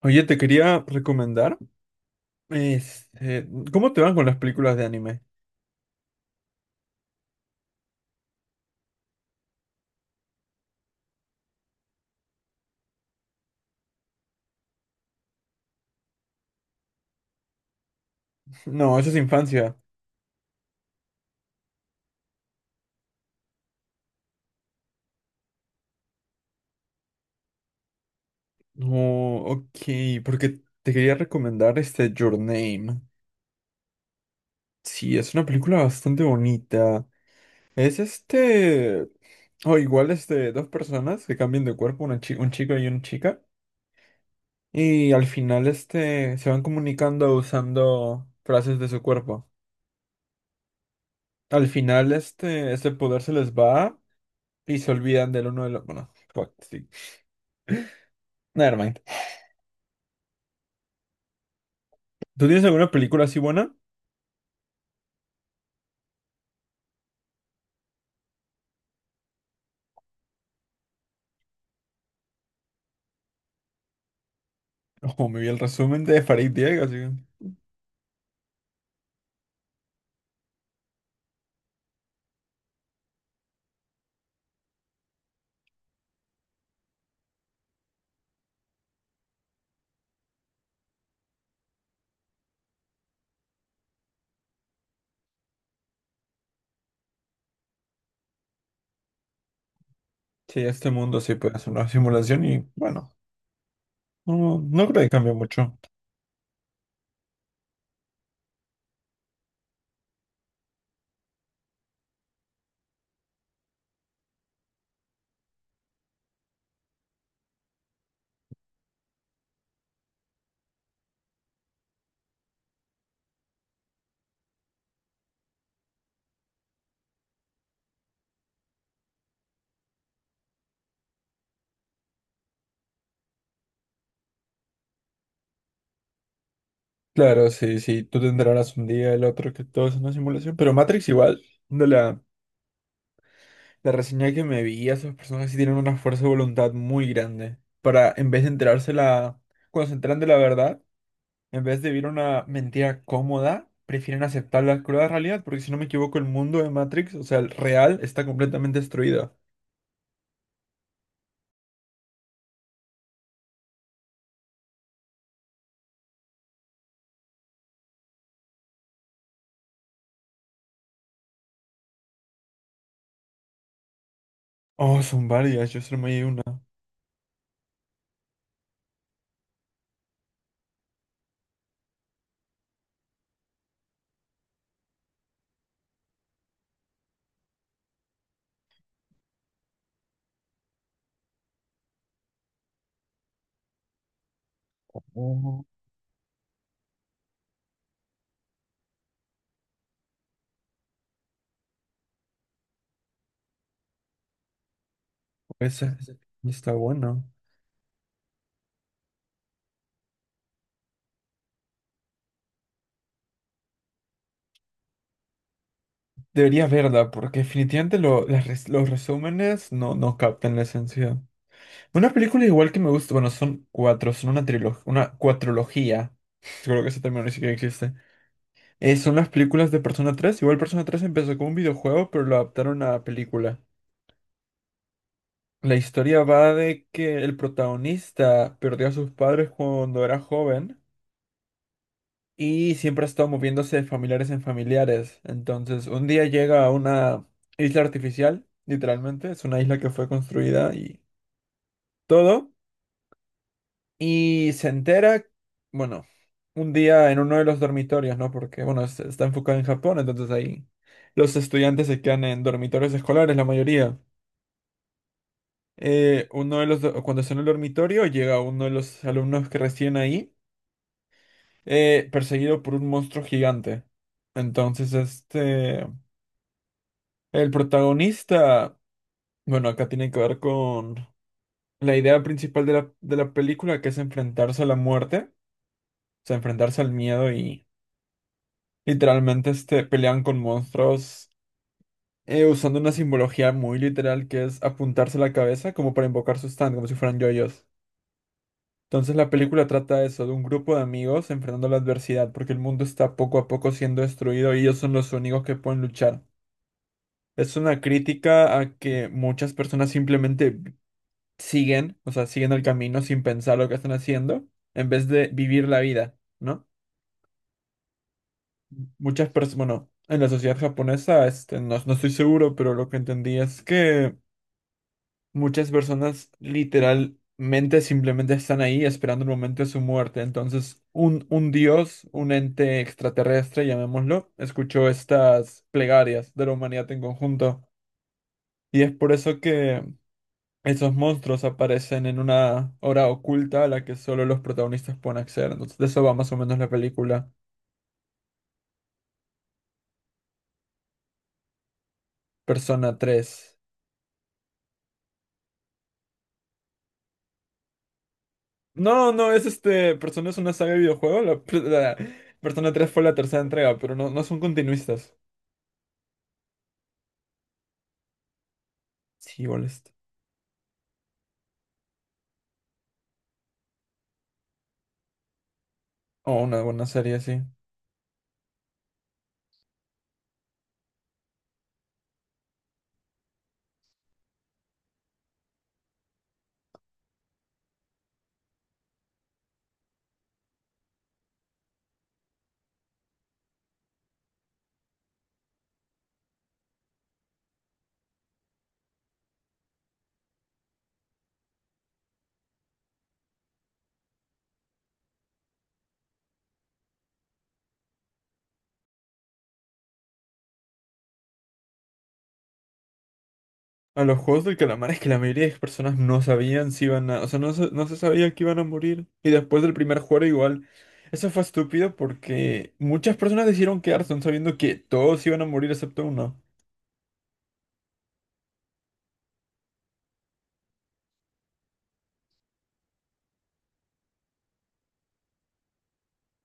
Oye, te quería recomendar, este, ¿cómo te van con las películas de anime? No, eso es infancia. No, ok, porque te quería recomendar Your Name. Sí, es una película bastante bonita. Es este, o igual este, Dos personas que cambian de cuerpo, un chico y una chica, y al final se van comunicando usando frases de su cuerpo. Al final este poder se les va y se olvidan del uno del otro. Bueno, fuck, sí. Nevermind. ¿Tú tienes alguna película así buena? Ojo, me vi el resumen de Farid Diego, así que... Sí, este mundo sí puede hacer una simulación y bueno, no, no creo que cambie mucho. Claro, sí, sí, tú te enterarás un día, el otro, que todo es una simulación, pero Matrix igual, de la... La reseña que me vi, esas personas sí tienen una fuerza de voluntad muy grande para, en vez de enterarse la, cuando se enteran de la verdad, en vez de vivir una mentira cómoda, prefieren aceptar la cruda realidad, porque si no me equivoco, el mundo de Matrix, o sea, el real, está completamente destruido. Oh, son varias, yo solo me di una. Oh, esa está buena. Deberías verla, porque definitivamente los resúmenes no, no captan la esencia. Una película igual que me gusta, bueno, son cuatro, son una trilogía, una cuatrología. Creo que ese término ni siquiera existe. Son las películas de Persona 3. Igual, Persona tres empezó como un videojuego, pero lo adaptaron a película. La historia va de que el protagonista perdió a sus padres cuando era joven y siempre ha estado moviéndose de familiares en familiares. Entonces, un día llega a una isla artificial, literalmente, es una isla que fue construida y todo. Y se entera, bueno, un día en uno de los dormitorios, ¿no? Porque, bueno, está enfocado en Japón, entonces ahí los estudiantes se quedan en dormitorios escolares, la mayoría. Uno de los, do- cuando está en el dormitorio, llega uno de los alumnos que recién ahí, perseguido por un monstruo gigante. Entonces, el protagonista, bueno, acá tiene que ver con la idea principal de la película, que es enfrentarse a la muerte, o sea, enfrentarse al miedo y... Literalmente pelean con monstruos usando una simbología muy literal que es apuntarse la cabeza como para invocar su stand, como si fueran yoyos. Entonces la película trata eso, de un grupo de amigos enfrentando la adversidad, porque el mundo está poco a poco siendo destruido y ellos son los únicos que pueden luchar. Es una crítica a que muchas personas simplemente siguen, o sea, siguen el camino sin pensar lo que están haciendo, en vez de vivir la vida, ¿no? Muchas personas, bueno, en la sociedad japonesa, no, no estoy seguro, pero lo que entendí es que muchas personas literalmente simplemente están ahí esperando el momento de su muerte. Entonces, un dios, un ente extraterrestre, llamémoslo, escuchó estas plegarias de la humanidad en conjunto. Y es por eso que esos monstruos aparecen en una hora oculta a la que solo los protagonistas pueden acceder. Entonces, de eso va más o menos la película. Persona 3. No, no, es Persona es una saga de videojuego. La, pr- la Persona 3 fue la tercera entrega, pero no, no son continuistas. Sí, igual está. Oh, una buena serie, sí. A los juegos del calamar es que la mayoría de personas no sabían si iban a... O sea, no se sabía que iban a morir. Y después del primer juego, igual. Eso fue estúpido porque muchas personas decidieron quedarse aun sabiendo que todos iban a morir excepto uno.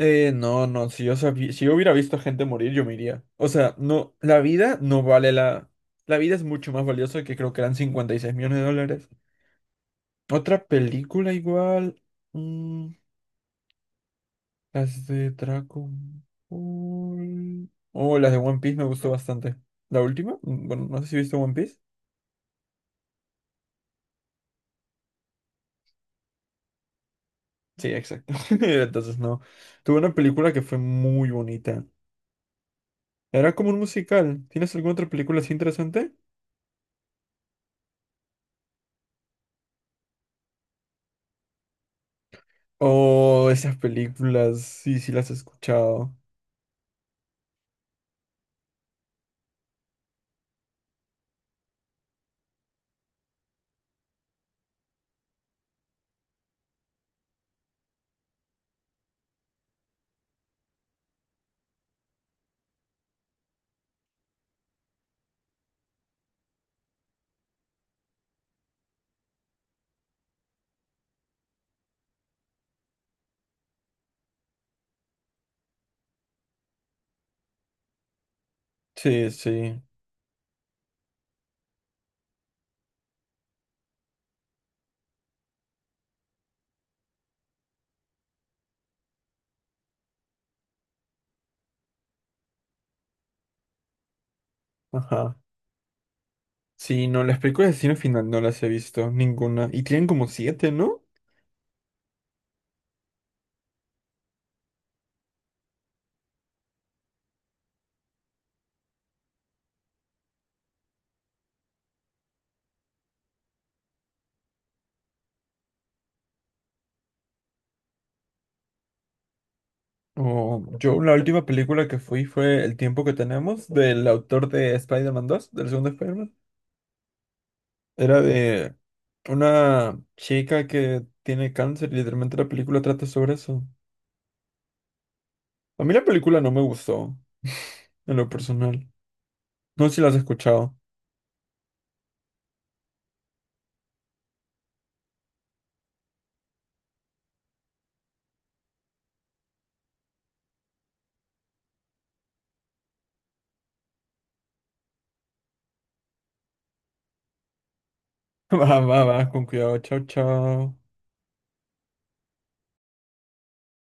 No, no, si yo sabía, si yo hubiera visto gente morir, yo me iría. O sea, no, la vida no vale la... La vida es mucho más valiosa que, creo que eran $56 millones. Otra película igual. Mm, las de Dragon Ball. Oh, las de One Piece me gustó bastante. ¿La última? Mm, bueno, no sé si viste One Piece. Sí, exacto. Entonces no. Tuve una película que fue muy bonita. Era como un musical. ¿Tienes alguna otra película así interesante? Oh, esas películas, sí, sí las he escuchado. Sí, sí, ajá. Sí, no, las películas de Destino Final no las he visto, ninguna. Y tienen como siete, ¿no? Oh, yo la última película que fui fue El tiempo que tenemos, del autor de Spider-Man 2, del segundo Spider-Man. Era de una chica que tiene cáncer y literalmente la película trata sobre eso. A mí la película no me gustó, en lo personal. No sé si la has escuchado. Va, va, va, con cuidado. Chao, chao.